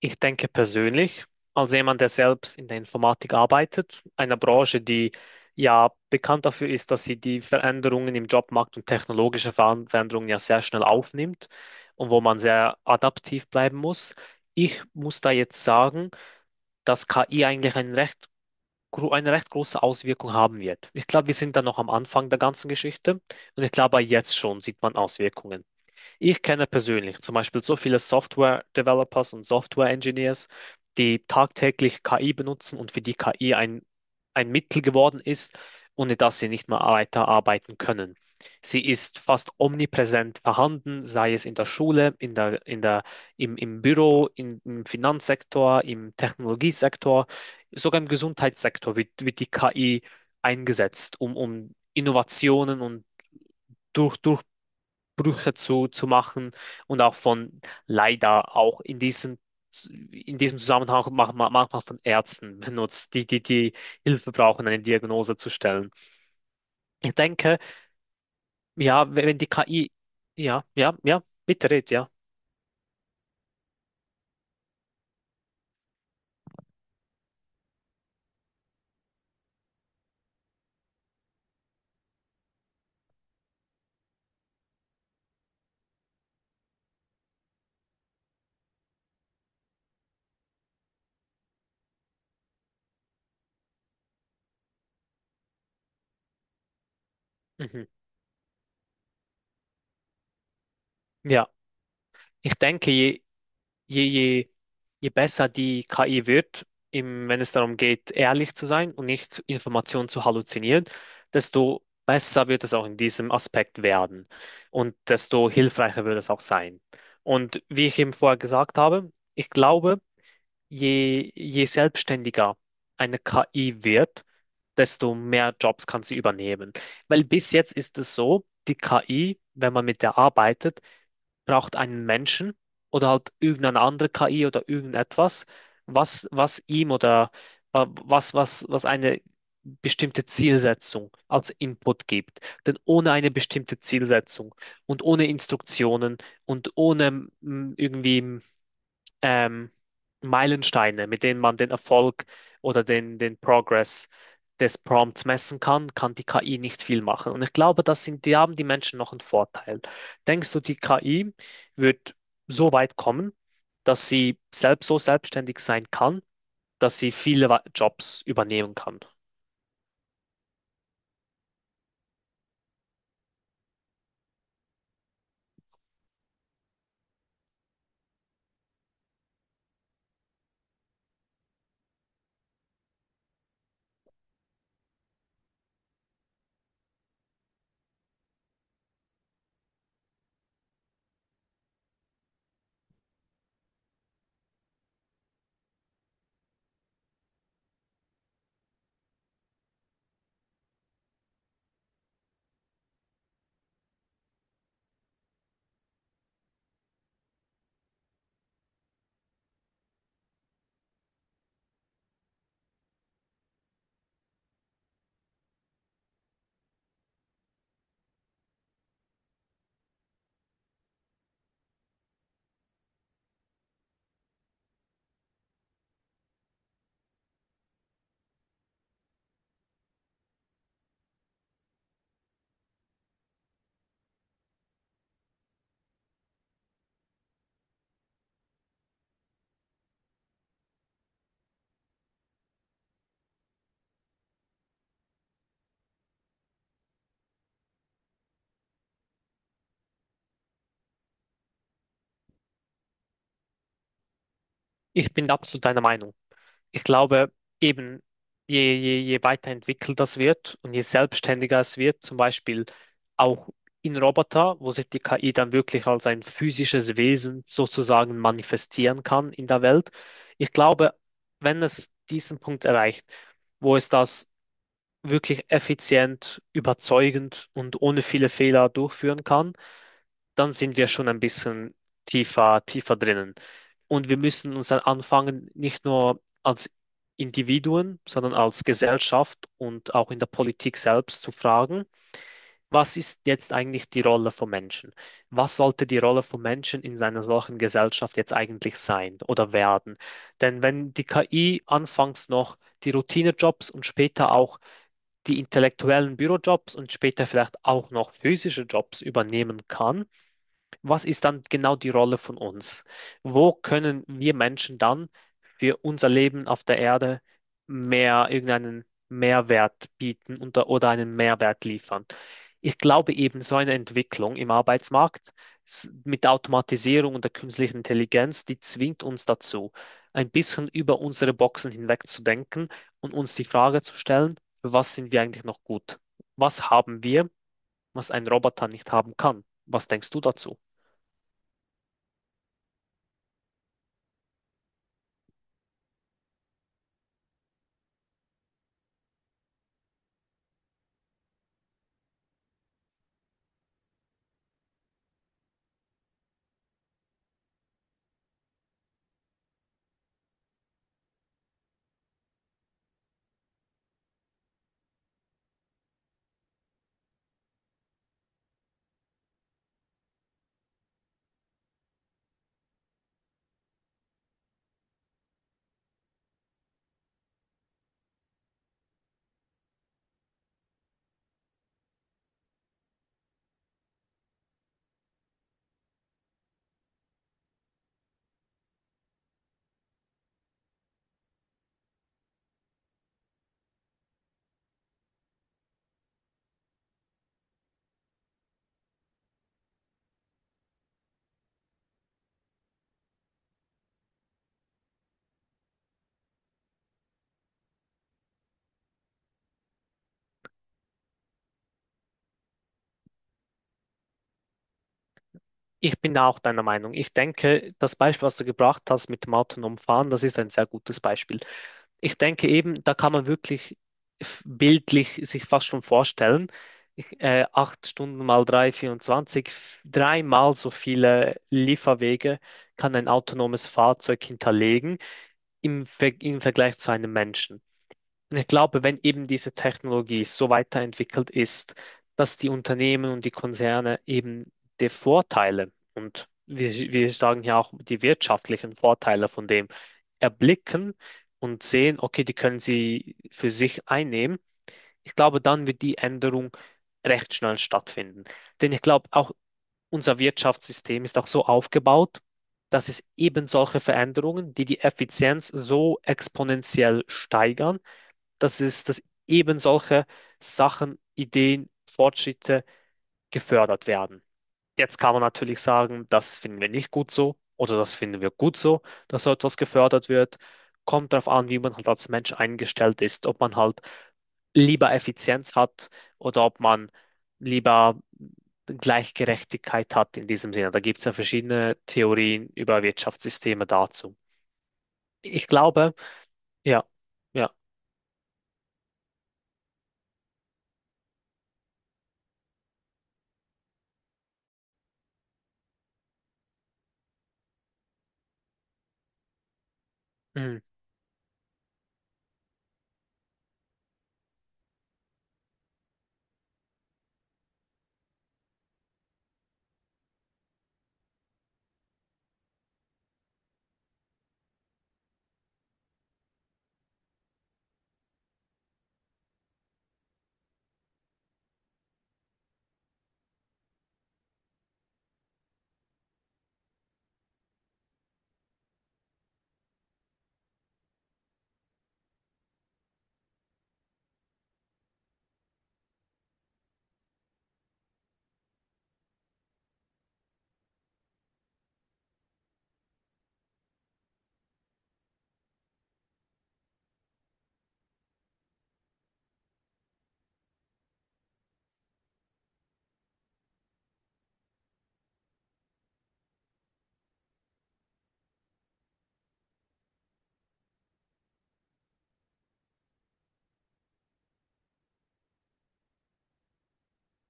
Ich denke persönlich, als jemand, der selbst in der Informatik arbeitet, einer Branche, die ja bekannt dafür ist, dass sie die Veränderungen im Jobmarkt und technologische Veränderungen ja sehr schnell aufnimmt und wo man sehr adaptiv bleiben muss. Ich muss da jetzt sagen, dass KI eigentlich eine recht große Auswirkung haben wird. Ich glaube, wir sind da noch am Anfang der ganzen Geschichte und ich glaube, jetzt schon sieht man Auswirkungen. Ich kenne persönlich zum Beispiel so viele Software-Developers und Software-Engineers, die tagtäglich KI benutzen und für die KI ein Mittel geworden ist, ohne das sie nicht mehr weiterarbeiten können. Sie ist fast omnipräsent vorhanden, sei es in der Schule, im Büro, im Finanzsektor, im Technologiesektor, sogar im Gesundheitssektor wird die KI eingesetzt, um Innovationen und durch, Brüche zu machen und auch von leider auch in diesem Zusammenhang manchmal von Ärzten benutzt, die Hilfe brauchen, eine Diagnose zu stellen. Ich denke, ja, wenn die KI. Ja, ja, ja, bitte red, ja. Mhm. Ja, ich denke, je, je, je besser die KI wird, wenn es darum geht, ehrlich zu sein und nicht Informationen zu halluzinieren, desto besser wird es auch in diesem Aspekt werden und desto hilfreicher wird es auch sein. Und wie ich eben vorher gesagt habe, ich glaube, je selbstständiger eine KI wird, desto mehr Jobs kann sie übernehmen. Weil bis jetzt ist es so, die KI, wenn man mit der arbeitet, braucht einen Menschen oder halt irgendeine andere KI oder irgendetwas, was ihm oder was eine bestimmte Zielsetzung als Input gibt. Denn ohne eine bestimmte Zielsetzung und ohne Instruktionen und ohne irgendwie ähm, Meilensteine, mit denen man den Erfolg oder den Progress des Prompts messen kann, kann die KI nicht viel machen. Und ich glaube, die haben die Menschen noch einen Vorteil. Denkst du, die KI wird so weit kommen, dass sie selbst so selbstständig sein kann, dass sie viele Jobs übernehmen kann? Ich bin absolut deiner Meinung. Ich glaube, eben je weiterentwickelt das wird und je selbstständiger es wird, zum Beispiel auch in Roboter, wo sich die KI dann wirklich als ein physisches Wesen sozusagen manifestieren kann in der Welt. Ich glaube, wenn es diesen Punkt erreicht, wo es das wirklich effizient, überzeugend und ohne viele Fehler durchführen kann, dann sind wir schon ein bisschen tiefer, tiefer drinnen. Und wir müssen uns dann anfangen, nicht nur als Individuen, sondern als Gesellschaft und auch in der Politik selbst zu fragen, was ist jetzt eigentlich die Rolle von Menschen? Was sollte die Rolle von Menschen in einer solchen Gesellschaft jetzt eigentlich sein oder werden? Denn wenn die KI anfangs noch die Routinejobs und später auch die intellektuellen Bürojobs und später vielleicht auch noch physische Jobs übernehmen kann, was ist dann genau die Rolle von uns? Wo können wir Menschen dann für unser Leben auf der Erde mehr irgendeinen Mehrwert bieten oder einen Mehrwert liefern? Ich glaube eben, so eine Entwicklung im Arbeitsmarkt mit der Automatisierung und der künstlichen Intelligenz, die zwingt uns dazu, ein bisschen über unsere Boxen hinweg zu denken und uns die Frage zu stellen, für was sind wir eigentlich noch gut? Was haben wir, was ein Roboter nicht haben kann? Was denkst du dazu? Ich bin auch deiner Meinung. Ich denke, das Beispiel, was du gebracht hast mit dem autonomen Fahren, das ist ein sehr gutes Beispiel. Ich denke eben, da kann man wirklich bildlich sich fast schon vorstellen, 8 Stunden mal 3, 24, dreimal so viele Lieferwege kann ein autonomes Fahrzeug hinterlegen im Vergleich zu einem Menschen. Und ich glaube, wenn eben diese Technologie so weiterentwickelt ist, dass die Unternehmen und die Konzerne eben die Vorteile und wir sagen ja auch die wirtschaftlichen Vorteile von dem erblicken und sehen, okay, die können sie für sich einnehmen. Ich glaube, dann wird die Änderung recht schnell stattfinden. Denn ich glaube, auch unser Wirtschaftssystem ist auch so aufgebaut, dass es eben solche Veränderungen, die die Effizienz so exponentiell steigern, dass eben solche Sachen, Ideen, Fortschritte gefördert werden. Jetzt kann man natürlich sagen, das finden wir nicht gut so oder das finden wir gut so, dass so etwas gefördert wird. Kommt darauf an, wie man halt als Mensch eingestellt ist, ob man halt lieber Effizienz hat oder ob man lieber Gleichgerechtigkeit hat in diesem Sinne. Da gibt es ja verschiedene Theorien über Wirtschaftssysteme dazu. Ich glaube. Ja, ja, mm,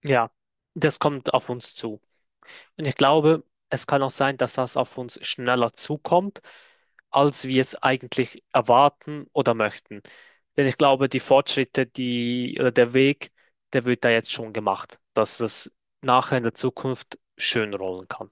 ja, das kommt auf uns zu. Und ich glaube, es kann auch sein, dass das auf uns schneller zukommt, als wir es eigentlich erwarten oder möchten. Denn ich glaube, die Fortschritte, die oder der Weg, der wird da jetzt schon gemacht, dass das nachher in der Zukunft schön rollen kann.